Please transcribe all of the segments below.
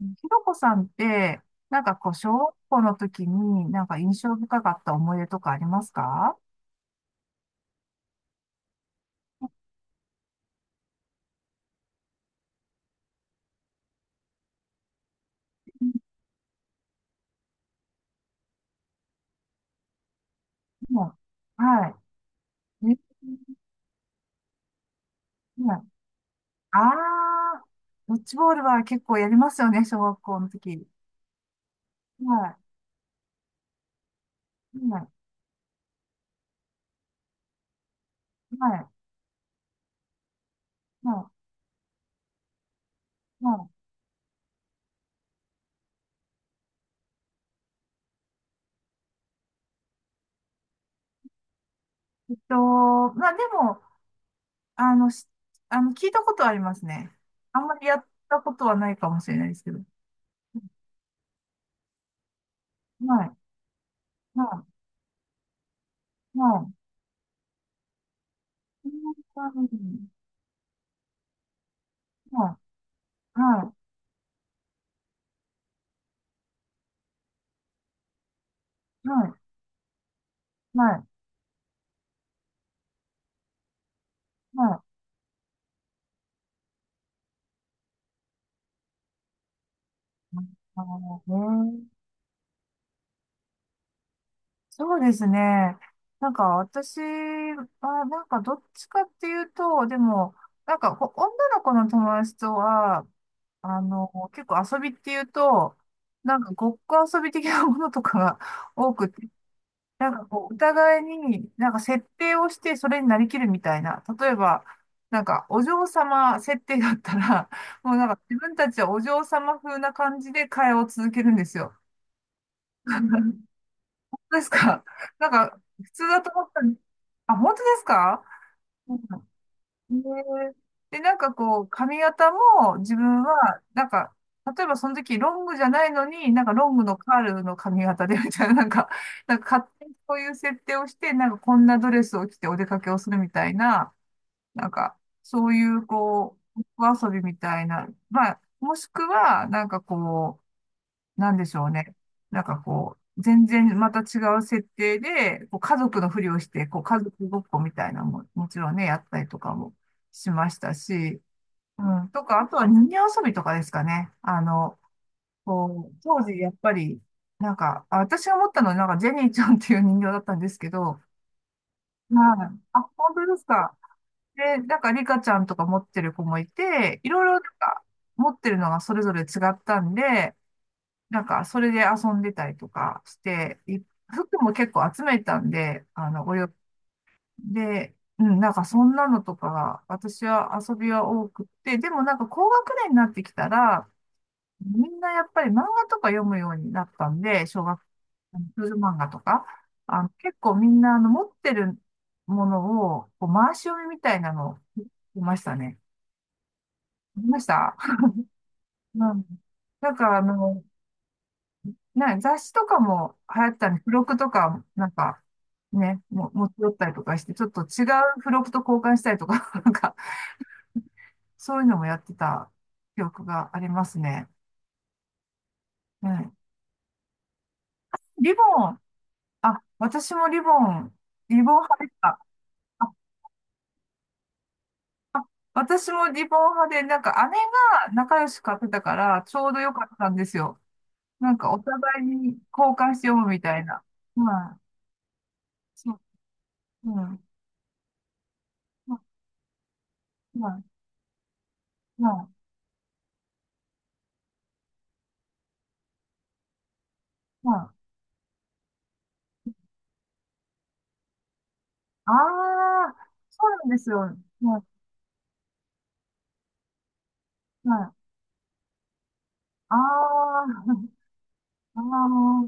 ひろこさんって、なんかこう、小学校の時になんか印象深かった思い出とかありますか？もう、はい。え、はい。ああ、ドッジボールは結構やりますよね、小学校の時。はい。はい。はい。はい。はい。まあでも、あの、あの、聞いたことはありますね。あんまりやったことはないかもしれないですけど。はい。はい。はい。はい。はい。はい。はい。はい。はい。はい。あのね、そうですね。なんか私は、なんかどっちかっていうと、でも、なんかこう女の子の友達とは、あの、結構遊びっていうと、なんかごっこ遊び的なものとかが 多くて、なんかこう、お互いになんか設定をしてそれになりきるみたいな。例えば、なんかお嬢様設定だったら、もうなんか自分たちはお嬢様風な感じで会話を続けるんですよ。ですか？ なんか、普通だと思ったんで。あ、本当ですか？うん。えーで、なんかこう、髪型も自分は、なんか、例えばその時ロングじゃないのに、なんかロングのカールの髪型で みたいな、なんか、なんか勝手にそういう設定をして、なんかこんなドレスを着てお出かけをするみたいな、なんか、そういうこう、お遊びみたいな、まあ、もしくは、なんかこう、なんでしょうね。なんかこう、全然また違う設定で、こう家族のふりをして、こう家族ごっこみたいなのも、もちろんね、やったりとかもしましたし、うん、とか、あとは人形遊びとかですかね。あの、こう、当時やっぱり、なんか、私が思ったのは、なんかジェニーちゃんっていう人形だったんですけど、はい。あ、本当ですか。で、なんかリカちゃんとか持ってる子もいて、いろいろなんか持ってるのがそれぞれ違ったんで、なんか、それで遊んでたりとかして、服も結構集めたんで、あの、で、うん、なんかそんなのとかが、私は遊びは多くって、でもなんか高学年になってきたら、みんなやっぱり漫画とか読むようになったんで、あの少女漫画とか、あの、結構みんなあの持ってるものを、こう回し読みみたいなのを、いましたね。いました。うん。なんか雑誌とかも流行ってたんで、付録とか、なんか、ね、持ち寄ったりとかして、ちょっと違う付録と交換したりとか、なんか、そういうのもやってた記憶がありますね。うん。リボン、あ、私もリボン派でした。あ、あ私もリボン派で、なんか姉が仲良し買ってたから、ちょうど良かったんですよ。なんかお互いに交換して読むみたいな。まあ、そう、うん、まあ、まあ、まあ、まあ、ああ、そうなんですよ。はい、はい。ああ。ああ。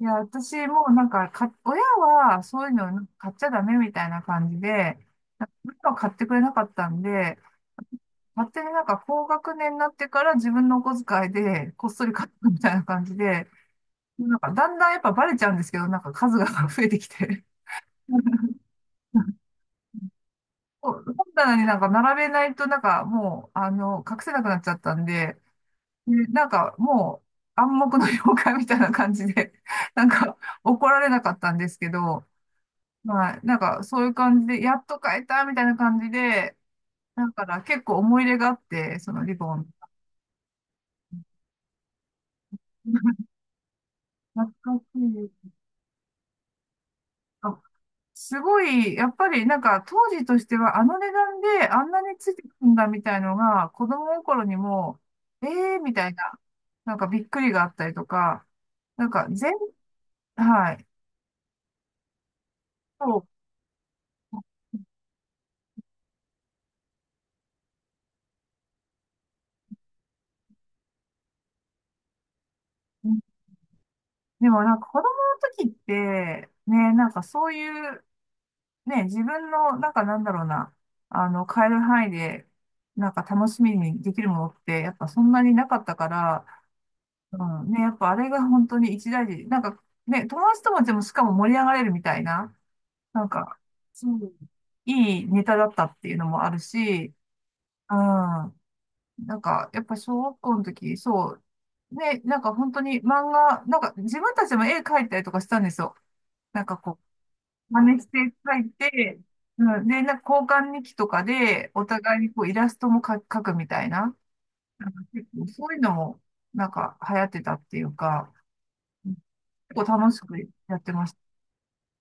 いや、私もうなんか、親はそういうの買っちゃダメみたいな感じで、なんかそういうのを買ってくれなかったんで、勝手になんか高学年になってから自分のお小遣いでこっそり買ったみたいな感じで、なんかだんだんやっぱバレちゃうんですけど、なんか数が 増えてきて。本棚になんか並べないとなんかもう、あの、隠せなくなっちゃったんで、ね、なんかもう暗黙の了解みたいな感じで、なんか怒られなかったんですけど、まあなんかそういう感じで、やっと変えたみたいな感じで、だから結構思い入れがあって、そのリボン。懐かしい。あ、すごい、やっぱりなんか当時としてはあの値段であんなについてくるんだみたいのが子供心にも、ええー、みたいな、なんかびっくりがあったりとか、なんか全、はい。そう。でもなんか子供の時って、ね、なんかそういう、ね、自分の、なんかなんだろうな、あの、変える範囲で、なんか楽しみにできるものって、やっぱそんなになかったから、うん、ね、やっぱあれが本当に一大事。なんか、ね、友達ともでもしかも盛り上がれるみたいな、なんか、そう、いいネタだったっていうのもあるし、うん、なんか、やっぱ小学校の時、そう、ね、なんか本当に漫画、なんか自分たちも絵描いたりとかしたんですよ。なんかこう、真似して書いて、うん、で、なんか交換日記とかで、お互いにこうイラストも描くみたいな、なんか結構そういうのも、なんか流行ってたっていうか、結構楽しくやってました。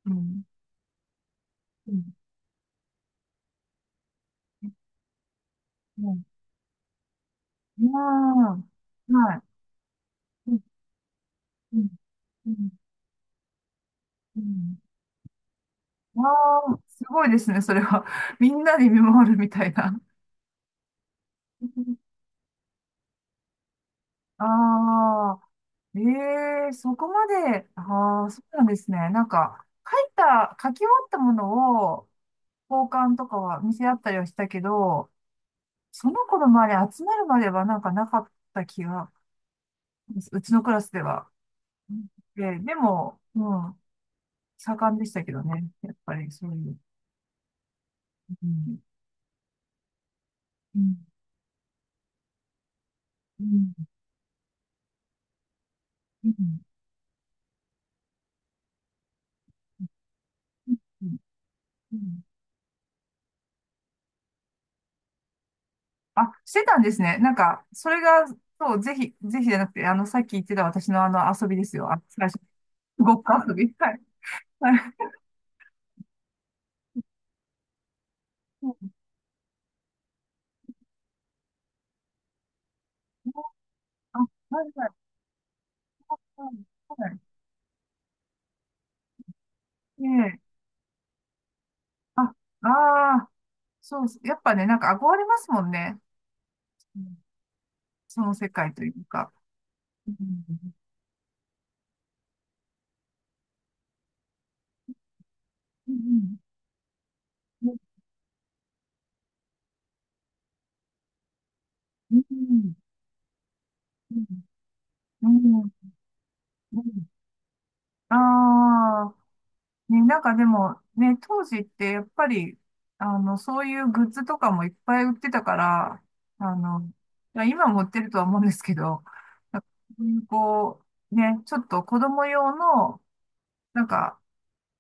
うん。うん。うん。うん、うん、はい。うん。うん。うん。うん。わあ、すごいですね、それは。みんなで見守るみたいな。ああ、ええ、そこまで、ああ、そうなんですね。なんか、書いた、書き終わったものを交換とかは見せ合ったりはしたけど、その子の周り集まるまではなんかなかった気が、うちのクラスでは。でも、うん、盛んでしたけどね。やっぱりそういう。うん、うん、うん、うん、うん、うん。うん。あ、してたんですね。なんか、それが、そう、ぜひ、ぜひじゃなくて、あの、さっき言ってた私のあの遊びですよ。あ、最初、ごっこ遊び。はい。はい。あ、はい、はい。はい。はい。ええ。あ、ああ、そう、やっぱね、なんか憧れますもんね。うん、その世界というか。うん。うん。うん。うん。うん。うん。うん。ああー。ね、なんかでも、ね、当時ってやっぱり、あの、そういうグッズとかもいっぱい売ってたから、あの、まあ今も売ってるとは思うんですけど、なんかそういうこう、ね、ちょっと子供用の、なんか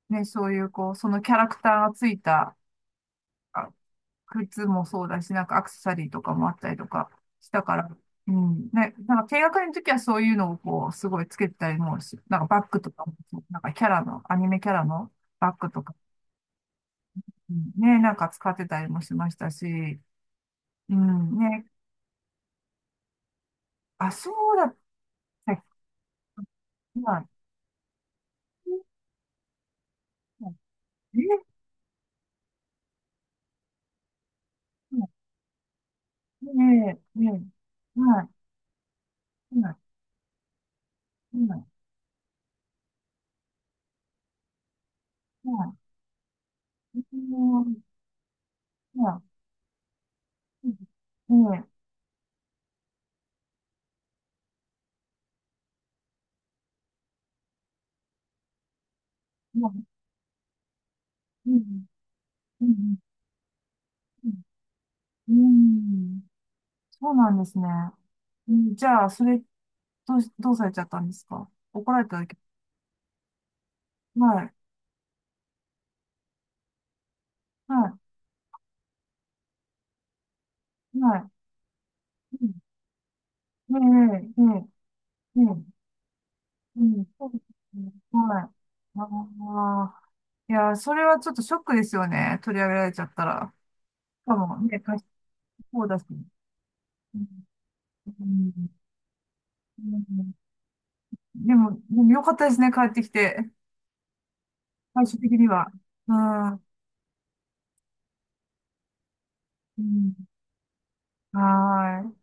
ね、そういうこう、そのキャラクターがついた、あ、靴もそうだし、なんかアクセサリーとかもあったりとかしたから、うん、ね、なんか低学年の時はそういうのをこう、すごいつけてたりもし、なんかバッグとかも、なんかキャラの、アニメキャラの、バッグとか。うん、ね、なんか使ってたりもしましたし、うん、ね、あ、そうだったっけな。え、え、ねえ、ねえ、はい、はい、はい、はい、うん、はい、うん、ねえ、まあ、うん、うん、うん、うん、そうなんですね。うん、じゃあ、それ、どうされちゃったんですか？怒られただけ？はい、はい、はい、うん、ねえ、ねえ、ねえ、うん、そうですね。はい。ああ。いやー、それはちょっとショックですよね。取り上げられちゃったら。しかもね、貸しそうだし。うん。うん。うん。でもよかったですね。帰ってきて。最終的には。うん。うん。はーい。